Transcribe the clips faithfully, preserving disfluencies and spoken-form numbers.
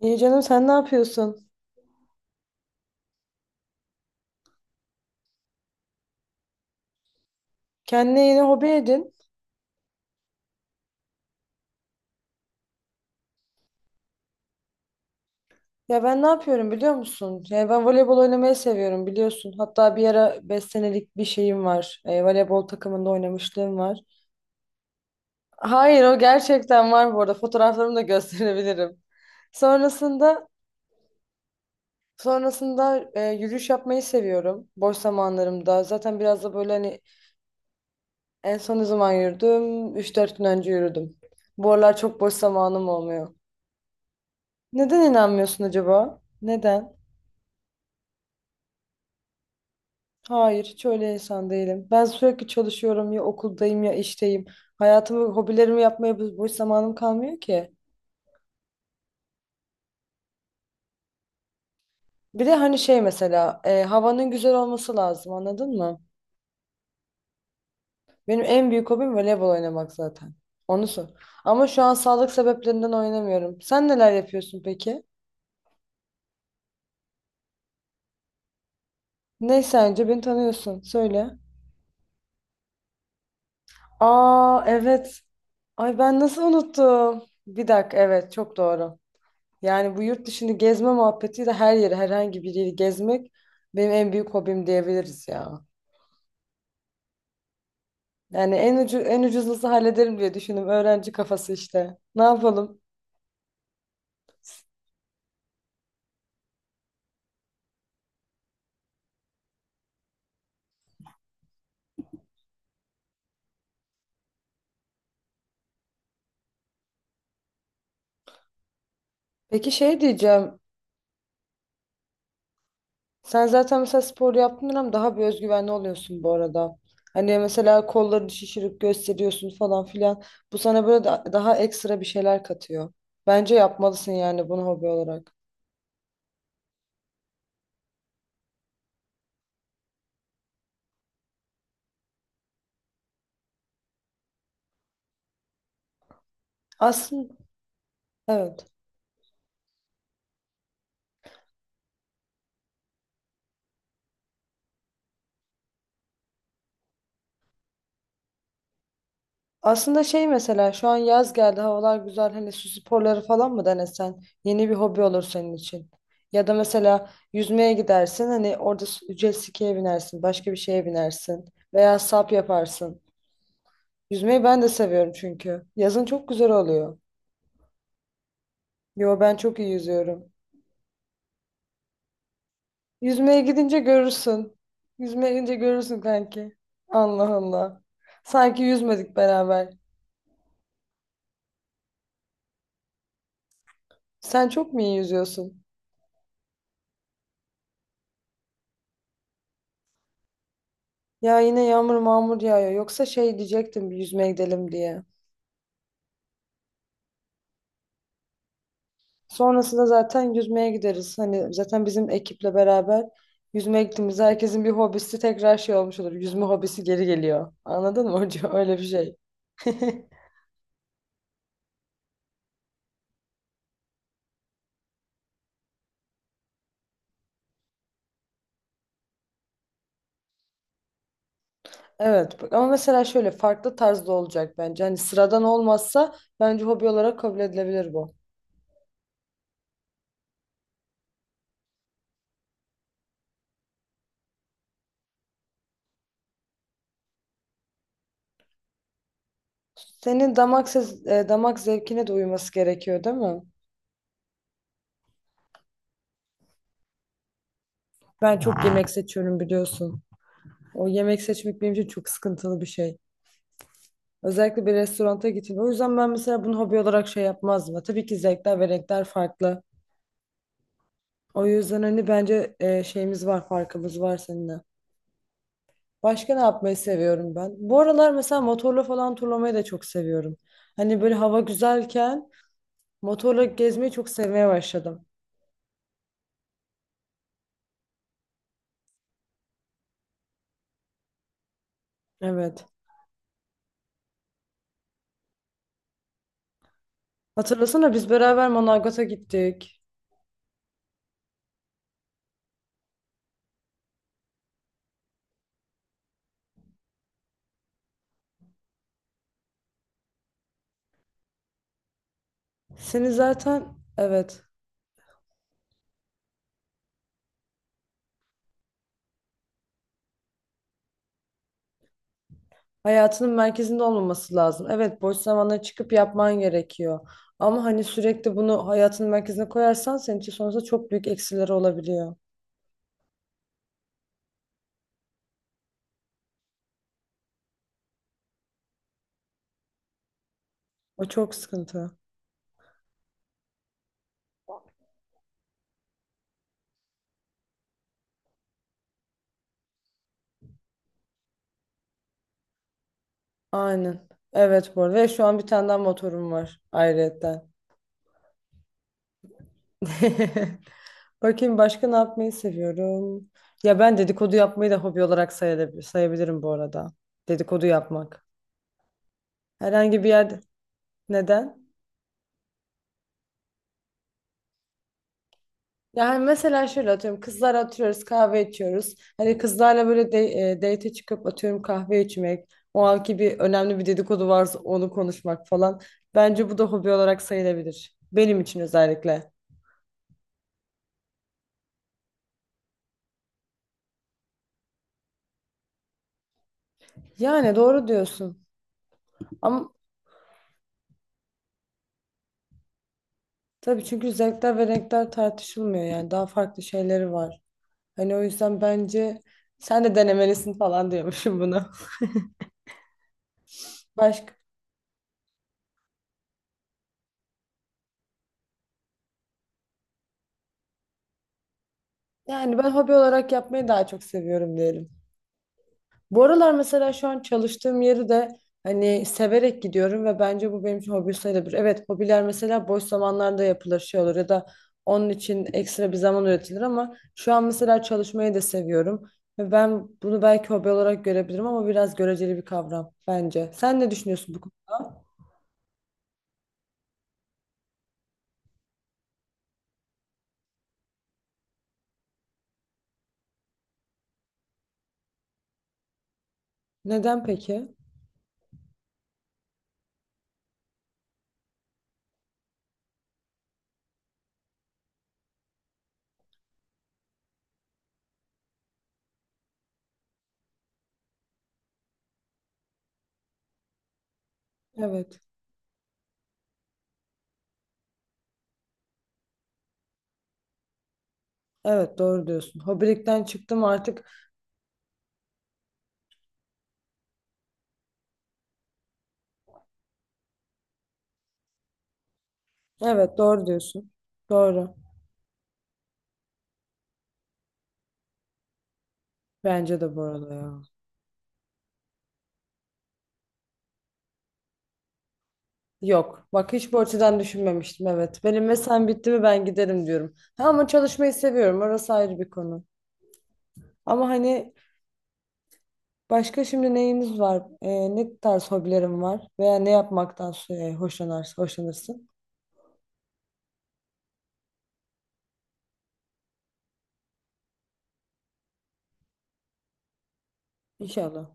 İyi canım sen ne yapıyorsun? Kendine yeni hobi edin. Ya ben ne yapıyorum biliyor musun? Ya ben voleybol oynamayı seviyorum biliyorsun. Hatta bir ara beş senelik bir şeyim var. E, voleybol takımında oynamışlığım var. Hayır o gerçekten var bu arada. Fotoğraflarımı da gösterebilirim. Sonrasında sonrasında e, yürüyüş yapmayı seviyorum boş zamanlarımda. Zaten biraz da böyle hani en son ne zaman yürüdüm? Üç dört gün önce yürüdüm. Bu aralar çok boş zamanım olmuyor. Neden inanmıyorsun acaba? Neden? Hayır, hiç öyle insan değilim. Ben sürekli çalışıyorum, ya okuldayım ya işteyim. Hayatımı, hobilerimi yapmaya bo- boş zamanım kalmıyor ki. Bir de hani şey mesela e, havanın güzel olması lazım, anladın mı? Benim en büyük hobim voleybol oynamak zaten. Onu sor. Ama şu an sağlık sebeplerinden oynamıyorum. Sen neler yapıyorsun peki? Ne sence, beni tanıyorsun? Söyle. Aa evet. Ay ben nasıl unuttum? Bir dakika, evet çok doğru. Yani bu yurt dışını gezme muhabbetiyle her yeri, herhangi bir yeri gezmek benim en büyük hobim diyebiliriz ya. Yani en ucu, en ucuzlusu hallederim diye düşündüm. Öğrenci kafası işte. Ne yapalım? Peki şey diyeceğim. Sen zaten mesela spor yaptığın ama daha bir özgüvenli oluyorsun bu arada. Hani mesela kollarını şişirip gösteriyorsun falan filan. Bu sana böyle da- daha ekstra bir şeyler katıyor. Bence yapmalısın yani bunu hobi olarak. Aslında evet. Aslında şey mesela şu an yaz geldi, havalar güzel, hani su sporları falan mı denesen, yeni bir hobi olur senin için. Ya da mesela yüzmeye gidersin, hani orada su- jet ski'ye binersin, başka bir şeye binersin veya sap yaparsın. Yüzmeyi ben de seviyorum çünkü. Yazın çok güzel oluyor. Yo ben çok iyi yüzüyorum. Yüzmeye gidince görürsün. Yüzmeye gidince görürsün kanki. Allah Allah. Sanki yüzmedik beraber. Sen çok mu iyi yüzüyorsun? Ya yine yağmur mağmur yağıyor. Yoksa şey diyecektim, bir yüzmeye gidelim diye. Sonrasında zaten yüzmeye gideriz. Hani zaten bizim ekiple beraber yüzmeye gittiğimizde herkesin bir hobisi tekrar şey olmuş olur. Yüzme hobisi geri geliyor. Anladın mı hocam? Öyle bir şey. Evet bak- ama mesela şöyle farklı tarzda olacak bence. Hani sıradan olmazsa bence hobi olarak kabul edilebilir bu. Senin damak ses, e, damak zevkine de uyması gerekiyor değil mi? Ben çok yemek seçiyorum biliyorsun. O yemek seçmek benim için çok sıkıntılı bir şey. Özellikle bir restoranta gittiğinde. O yüzden ben mesela bunu hobi olarak şey yapmazdım. Ya tabii ki zevkler ve renkler farklı. O yüzden hani bence e, şeyimiz var, farkımız var seninle. Başka ne yapmayı seviyorum ben? Bu aralar mesela motorla falan turlamayı da çok seviyorum. Hani böyle hava güzelken motorla gezmeyi çok sevmeye başladım. Evet. Hatırlasana biz beraber Manavgat'a gittik. Seni zaten, evet. Hayatının merkezinde olmaması lazım. Evet, boş zamanda çıkıp yapman gerekiyor. Ama hani sürekli bunu hayatının merkezine koyarsan senin için sonrasında çok büyük eksileri olabiliyor. O çok sıkıntı. Aynen. Evet bu arada. Ve şu an bir tane daha motorum var ayrıyetten. Bakayım başka ne yapmayı seviyorum. Ya ben dedikodu yapmayı da hobi olarak sayabilir, sayabilirim bu arada. Dedikodu yapmak. Herhangi bir yerde. Neden? Yani mesela şöyle atıyorum, kızlar atıyoruz kahve içiyoruz. Hani kızlarla böyle de, e, date çıkıp atıyorum kahve içmek. O anki bir önemli bir dedikodu varsa onu konuşmak falan. Bence bu da hobi olarak sayılabilir. Benim için özellikle. Yani doğru diyorsun. Ama tabii çünkü zevkler ve renkler tartışılmıyor yani. Daha farklı şeyleri var. Hani o yüzden bence sen de denemelisin falan diyormuşum bunu. Başka. Yani ben hobi olarak yapmayı daha çok seviyorum diyelim. Bu aralar mesela şu an çalıştığım yeri de hani severek gidiyorum ve bence bu benim için hobi sayılabilir. Evet, hobiler mesela boş zamanlarda yapılır şey olur ya da onun için ekstra bir zaman üretilir ama şu an mesela çalışmayı da seviyorum. Ve ben bunu belki hobi olarak görebilirim ama biraz göreceli bir kavram bence. Sen ne düşünüyorsun bu konuda? Neden peki? Evet. Evet doğru diyorsun. Hobilikten çıktım artık. Evet doğru diyorsun. Doğru. Bence de bu arada ya. Yok. Bak hiç bu açıdan düşünmemiştim. Evet. Benim mesaim bitti mi ben giderim diyorum. Ha, ama çalışmayı seviyorum. Orası ayrı bir konu. Ama hani başka şimdi neyiniz var? Ee, ne tarz hobilerim var? Veya ne yapmaktan e, hoşlanarsın, hoşlanırsın? İnşallah.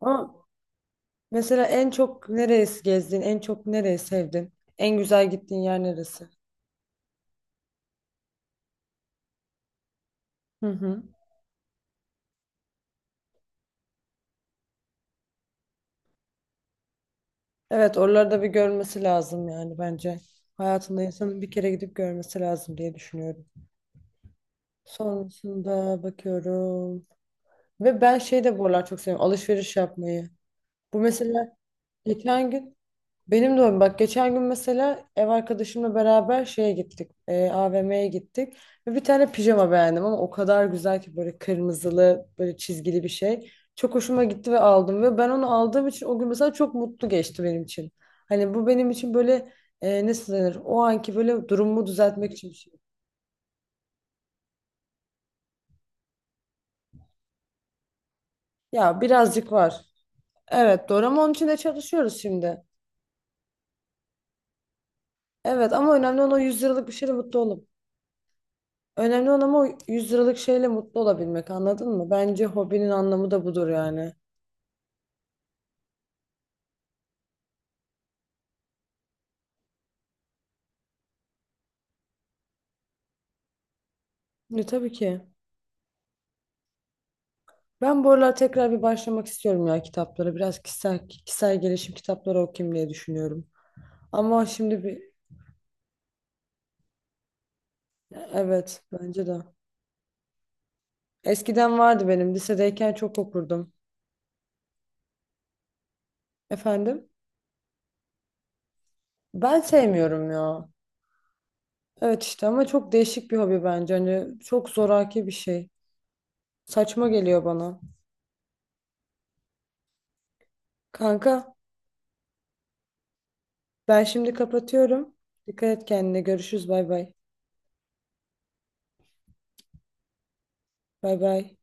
Ama mesela en çok neresi gezdin? En çok nereyi sevdin? En güzel gittiğin yer neresi? Hı hı. Evet, oraları da bir görmesi lazım yani bence. Hayatında insanın bir kere gidip görmesi lazım diye düşünüyorum. Sonrasında bakıyorum. Ve ben şey de bu aralar çok seviyorum. Alışveriş yapmayı. Bu mesela geçen gün benim de öyle. Bak geçen gün mesela ev arkadaşımla beraber şeye gittik. E, A V M'ye gittik. Ve bir tane pijama beğendim ama o kadar güzel ki, böyle kırmızılı böyle çizgili bir şey. Çok hoşuma gitti ve aldım. Ve ben onu aldığım için o gün mesela çok mutlu geçti benim için. Hani bu benim için böyle e, nasıl denir? O anki böyle durumumu düzeltmek için bir şey. Ya birazcık var. Evet doğru, ama onun için de çalışıyoruz şimdi. Evet ama önemli olan o yüz liralık bir şeyle mutlu olup. Önemli olan ama o yüz liralık şeyle mutlu olabilmek, anladın mı? Bence hobinin anlamı da budur yani. Ne, tabii ki. Ben bu aralar tekrar bir başlamak istiyorum ya kitaplara. Biraz kişisel, kişisel gelişim kitapları okuyayım diye düşünüyorum. Ama şimdi bir... Evet bence de. Eskiden vardı benim. Lisedeyken çok okurdum. Efendim? Ben sevmiyorum ya. Evet işte ama çok değişik bir hobi bence. Hani çok zoraki bir şey. Saçma geliyor bana. Kanka ben şimdi kapatıyorum. Dikkat et kendine. Görüşürüz. Bay bay. Bay bay.